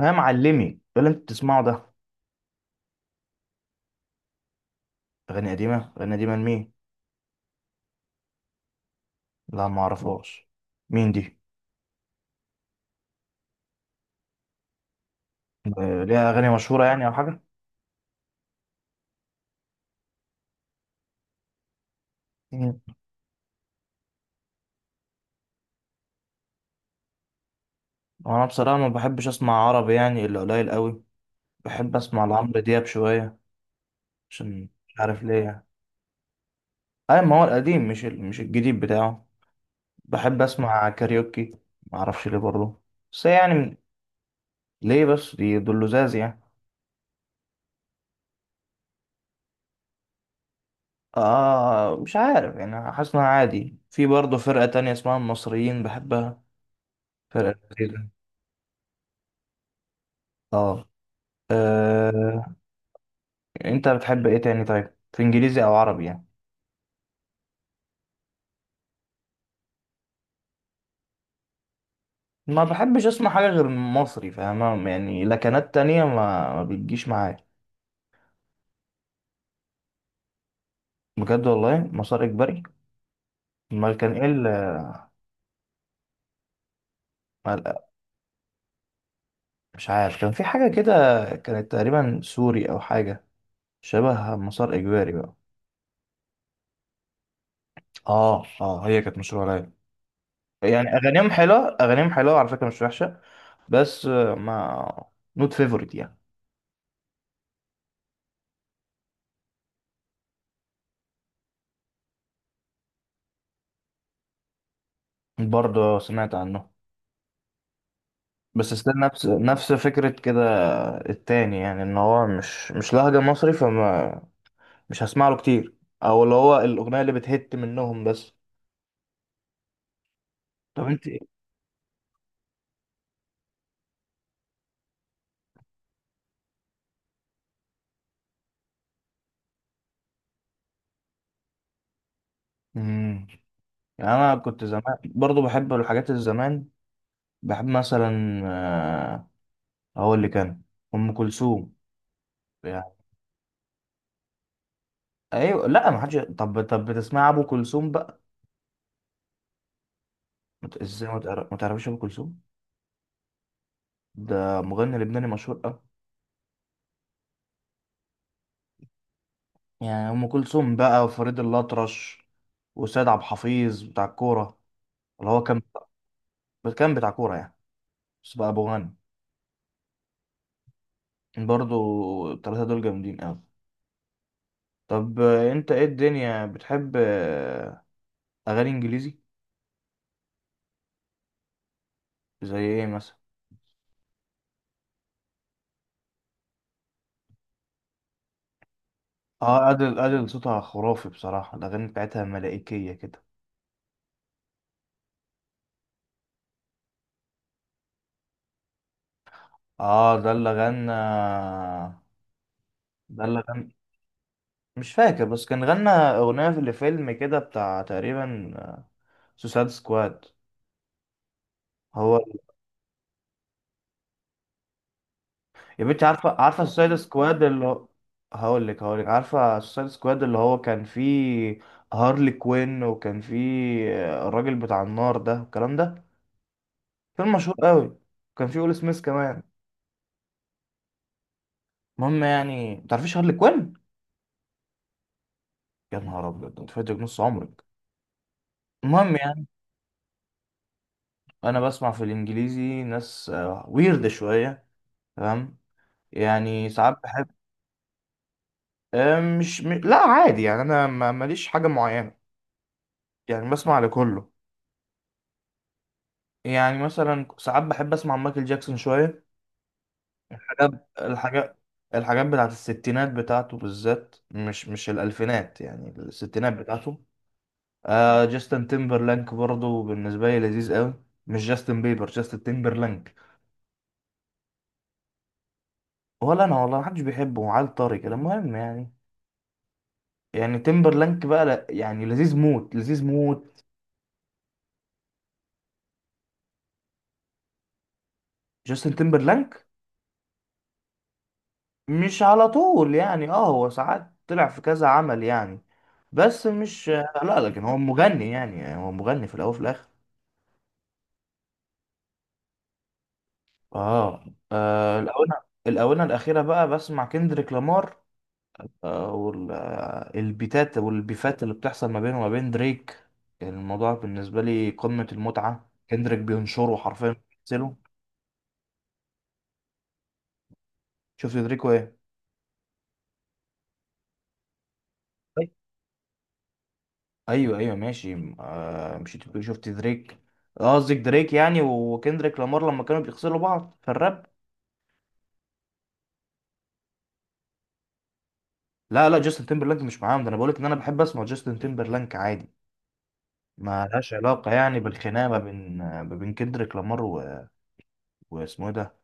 يا معلمي، ايه اللي انت بتسمعه ده؟ اغاني قديمه اغاني قديمه لمين؟ لا، ما اعرفهاش. مين دي؟ آه، ليها اغاني مشهوره يعني او حاجه؟ مم. وانا بصراحه ما بحبش اسمع عربي يعني الا قليل قوي. بحب اسمع لعمرو دياب شويه، عشان مش عارف ليه يعني. اي ما هو القديم، مش الجديد بتاعه. بحب اسمع كاريوكي، ما اعرفش ليه برضه، بس يعني. ليه بس؟ دي دول لزاز يعني. اه، مش عارف يعني، حاسس انها عادي. في برضه فرقه تانية اسمها المصريين، بحبها. فرقه لذيذة. اه. أه... انت بتحب ايه تاني طيب، في انجليزي او عربي يعني؟ ما بحبش اسمع حاجه غير مصري، فاهمة يعني. لكنات تانية ما بتجيش معايا. بجد والله، مسار اجباري. امال كان ايه ما- مش عارف، كان في حاجه كده، كانت تقريبا سوري او حاجه، شبه مسار اجباري بقى. اه، اه، هي كانت مشروع ليلى. يعني اغانيهم حلوه، اغانيهم حلوه على فكره، مش وحشه. بس ما نوت فيفورت يعني. برضه سمعت عنه، بس استنى، نفس فكرة كده التاني يعني، ان هو مش لهجة مصري، فما مش هسمع له كتير، او اللي هو الاغنية اللي بتهت منهم بس. طب انت ايه؟ امم. يعني انا كنت زمان برضو بحب الحاجات الزمان. بحب مثلا هقول اللي كان، ام كلثوم. يعني، ايوه، لا ما حدش. طب، بتسمع ابو كلثوم بقى؟ ازاي ما تعرفش ابو كلثوم؟ ده مغني لبناني مشهور. يعني أم كلثوم بقى، وفريد الأطرش، وسيد عبد الحفيظ بتاع الكورة، اللي هو كان، كان بتاع كورة يعني، بس بقى أبو غني. برضو التلاتة دول جامدين أوي. طب أنت إيه الدنيا بتحب، أغاني إنجليزي؟ زي إيه مثلا؟ آه، أدل، أدل صوتها خرافي بصراحة، الأغاني بتاعتها ملائكية كده. آه، ده اللي غنى، ده اللي غنى. مش فاكر بس، كان غنى أغنية في الفيلم كده بتاع تقريبا سوسايد سكواد، هو. يا بنتي، عارفه عارفه السوسايد سكواد اللي هو. هقول لك، هقول لك، عارفه السوسايد سكواد اللي هو كان فيه هارلي كوين؟ وكان فيه الراجل بتاع النار ده والكلام ده، فيلم مشهور قوي، كان فيه ويل سميث كمان. المهم يعني، ما تعرفيش هارلي كوين؟ يا نهار ابيض، انت فاتك نص عمرك. المهم يعني، انا بسمع في الانجليزي ناس ويرد شويه، تمام. يعني ساعات بحب آه، مش م... لا، عادي يعني، انا ماليش حاجه معينه، يعني بسمع لكله. يعني مثلا ساعات بحب اسمع مايكل جاكسون شويه، حاجات الحاجات الحاجات بتاعت الستينات بتاعته بالذات، مش الالفينات، يعني الستينات بتاعته. آه، جاستن تيمبرلانك برضه بالنسبه لي لذيذ قوي. مش جاستن بيبر، جاستن تيمبرلانك. ولا انا والله، محدش بيحبه، عيل طري كده. المهم يعني، يعني تيمبرلانك بقى، لا يعني لذيذ موت، لذيذ موت. جاستن تيمبرلانك، مش على طول يعني، اه هو ساعات طلع في كذا عمل يعني، بس مش، لا لكن هو مغني يعني هو مغني في الاول وفي الاخر. اه, آه الاونه الاونه الاخيره بقى بسمع كندريك لامار. والبيتات والبيفات اللي بتحصل ما بينه وما بين دريك، الموضوع بالنسبه لي قمه المتعه، كندريك بينشره حرفيا، بينزله. شفت دريك وايه؟ ايوه، ايوه، ماشي. مشيت بتقول شفت دريك، قصدك دريك يعني، وكندريك لامار لما كانوا بيغسلوا بعض في الراب. لا لا، جاستن تيمبرلانك مش معاهم، ده انا بقولك ان انا بحب اسمع جاستن تيمبرلانك عادي، ما لهاش علاقه يعني بالخناقه ما بين كندريك لامار و. واسمه إيه ده،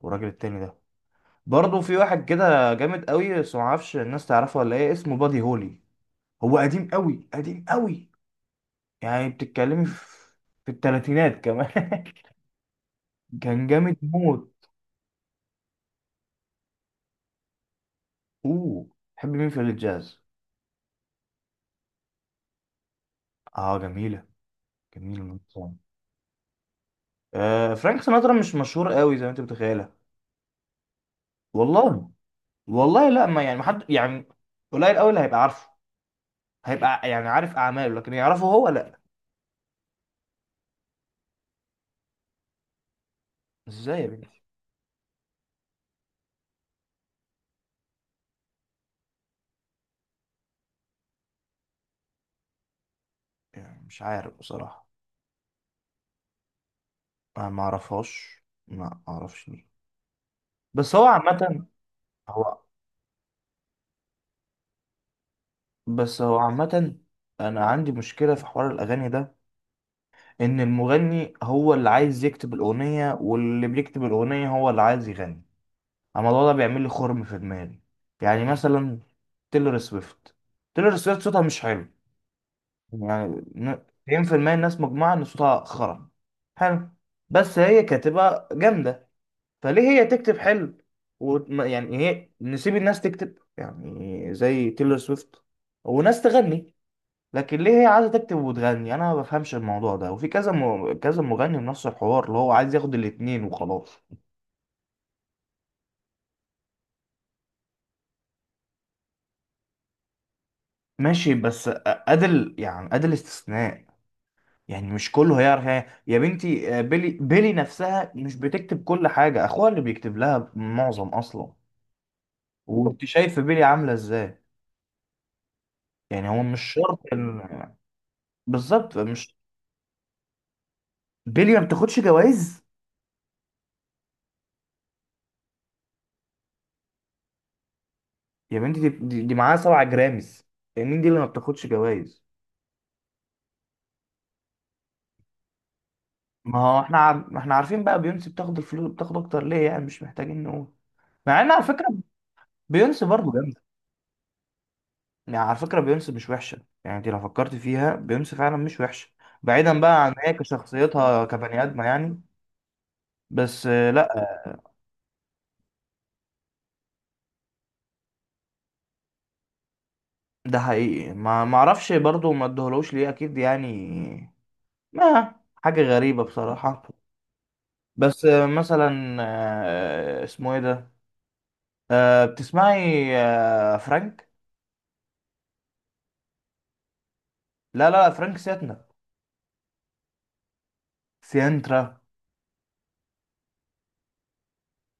والراجل التاني ده؟ برضه في واحد كده جامد قوي، بس ما اعرفش الناس تعرفه ولا ايه، اسمه بادي هولي. هو قديم قوي، قديم قوي، يعني بتتكلمي في الثلاثينات كمان كان جامد موت. اوه، تحب مين في الجاز؟ اه، جميله، جميله المنظومه. فرانك سيناترا مش مشهور قوي زي ما انت متخيله. والله. والله لا، ما يعني، ما حد يعني، قليل قوي اللي هيبقى عارفه، هيبقى يعني عارف اعماله، لكن يعرفه هو لا. ازاي يا بنتي؟ يعني مش عارف بصراحه. انا ما اعرفهاش، ما اعرفش ليه، بس هو عامه. هو، بس هو عامه، انا عندي مشكله في حوار الاغاني ده، ان المغني هو اللي عايز يكتب الاغنيه، واللي بيكتب الاغنيه هو اللي عايز يغني، الموضوع ده بيعمل لي خرم في دماغي. يعني مثلا تيلر سويفت، تيلر سويفت صوتها مش حلو، يعني 90% الناس مجمعة ان صوتها خرا، حلو، بس هي كاتبة جامدة، فليه هي تكتب حلو؟ يعني هي، نسيب الناس تكتب، يعني زي تيلر سويفت، وناس تغني. لكن ليه هي عايزة تكتب وتغني؟ انا ما بفهمش الموضوع ده، وفي كذا كذا مغني بنفس الحوار، اللي هو عايز ياخد الاتنين وخلاص. ماشي بس أدل يعني، أدل استثناء، يعني مش كله هيعرف. يعني يا بنتي، بيلي، بيلي نفسها مش بتكتب كل حاجة، أخوها اللي بيكتب لها معظم أصلا، وأنت شايف بيلي عاملة إزاي. يعني هو مش شرط بالظبط. مش بيلي ما بتاخدش جوائز، يا بنتي دي معاها سبعة جرامز. يعني مين دي اللي ما بتاخدش جوائز؟ ما هو احنا ما احنا عارفين بقى، بيونسي بتاخد الفلوس، بتاخد أكتر ليه يعني، مش محتاجين نقول. مع إن على فكرة بيونسي برضه، يعني على فكرة بيونس مش وحشة، يعني انت لو فكرت فيها، بيونس فعلا مش وحشة بعيدا بقى عن هي كشخصيتها كبني آدمة يعني. بس لا، ده حقيقي، ما اعرفش برضه ما ادهولوش ليه اكيد يعني، ما حاجة غريبة بصراحة. بس مثلا، اسمه ايه ده؟ بتسمعي فرانك؟ لا لا لا، فرانك سيتنا، سيانترا،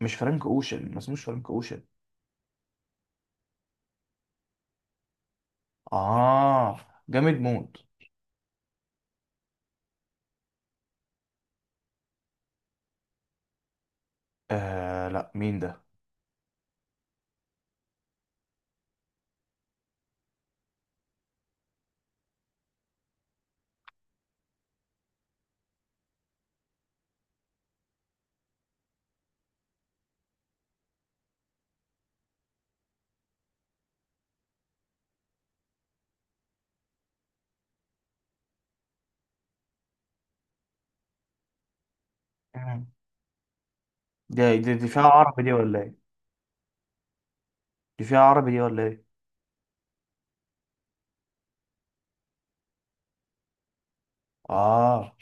مش فرانك اوشن، ما اسموش فرانك اوشن. اه، جامد موت. آه، لا مين ده؟ دي فيها عربي دي ولا ايه؟ دي فيها عربي دي ولا ايه؟ اه.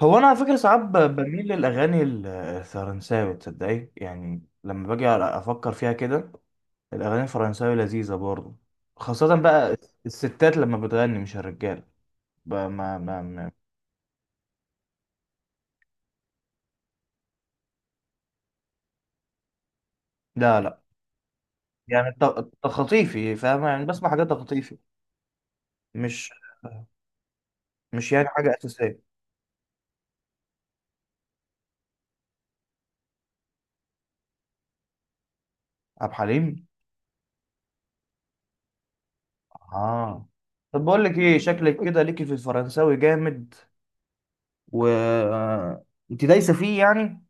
هو انا على فكره ساعات بميل للاغاني الفرنساوي، تصدقي؟ يعني لما باجي افكر فيها كده، الاغاني الفرنساوي لذيذه برضه، خاصه بقى الستات لما بتغني مش الرجاله. ب- ما ما ما لا لا، يعني تخطيفي، فاهمه يعني، بسمع حاجات تخطيفي، مش مش يعني حاجه اساسيه. عبد الحليم. اه، طب بقول لك ايه، شكلك كده ليكي في الفرنساوي جامد، و انت دايسه فيه يعني.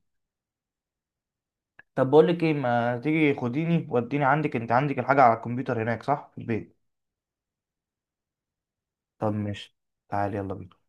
طب بقول لك ايه، ما تيجي خديني وديني عندك، انت عندك الحاجه على الكمبيوتر هناك صح، في البيت. طب ماشي. تعالي يلا بينا.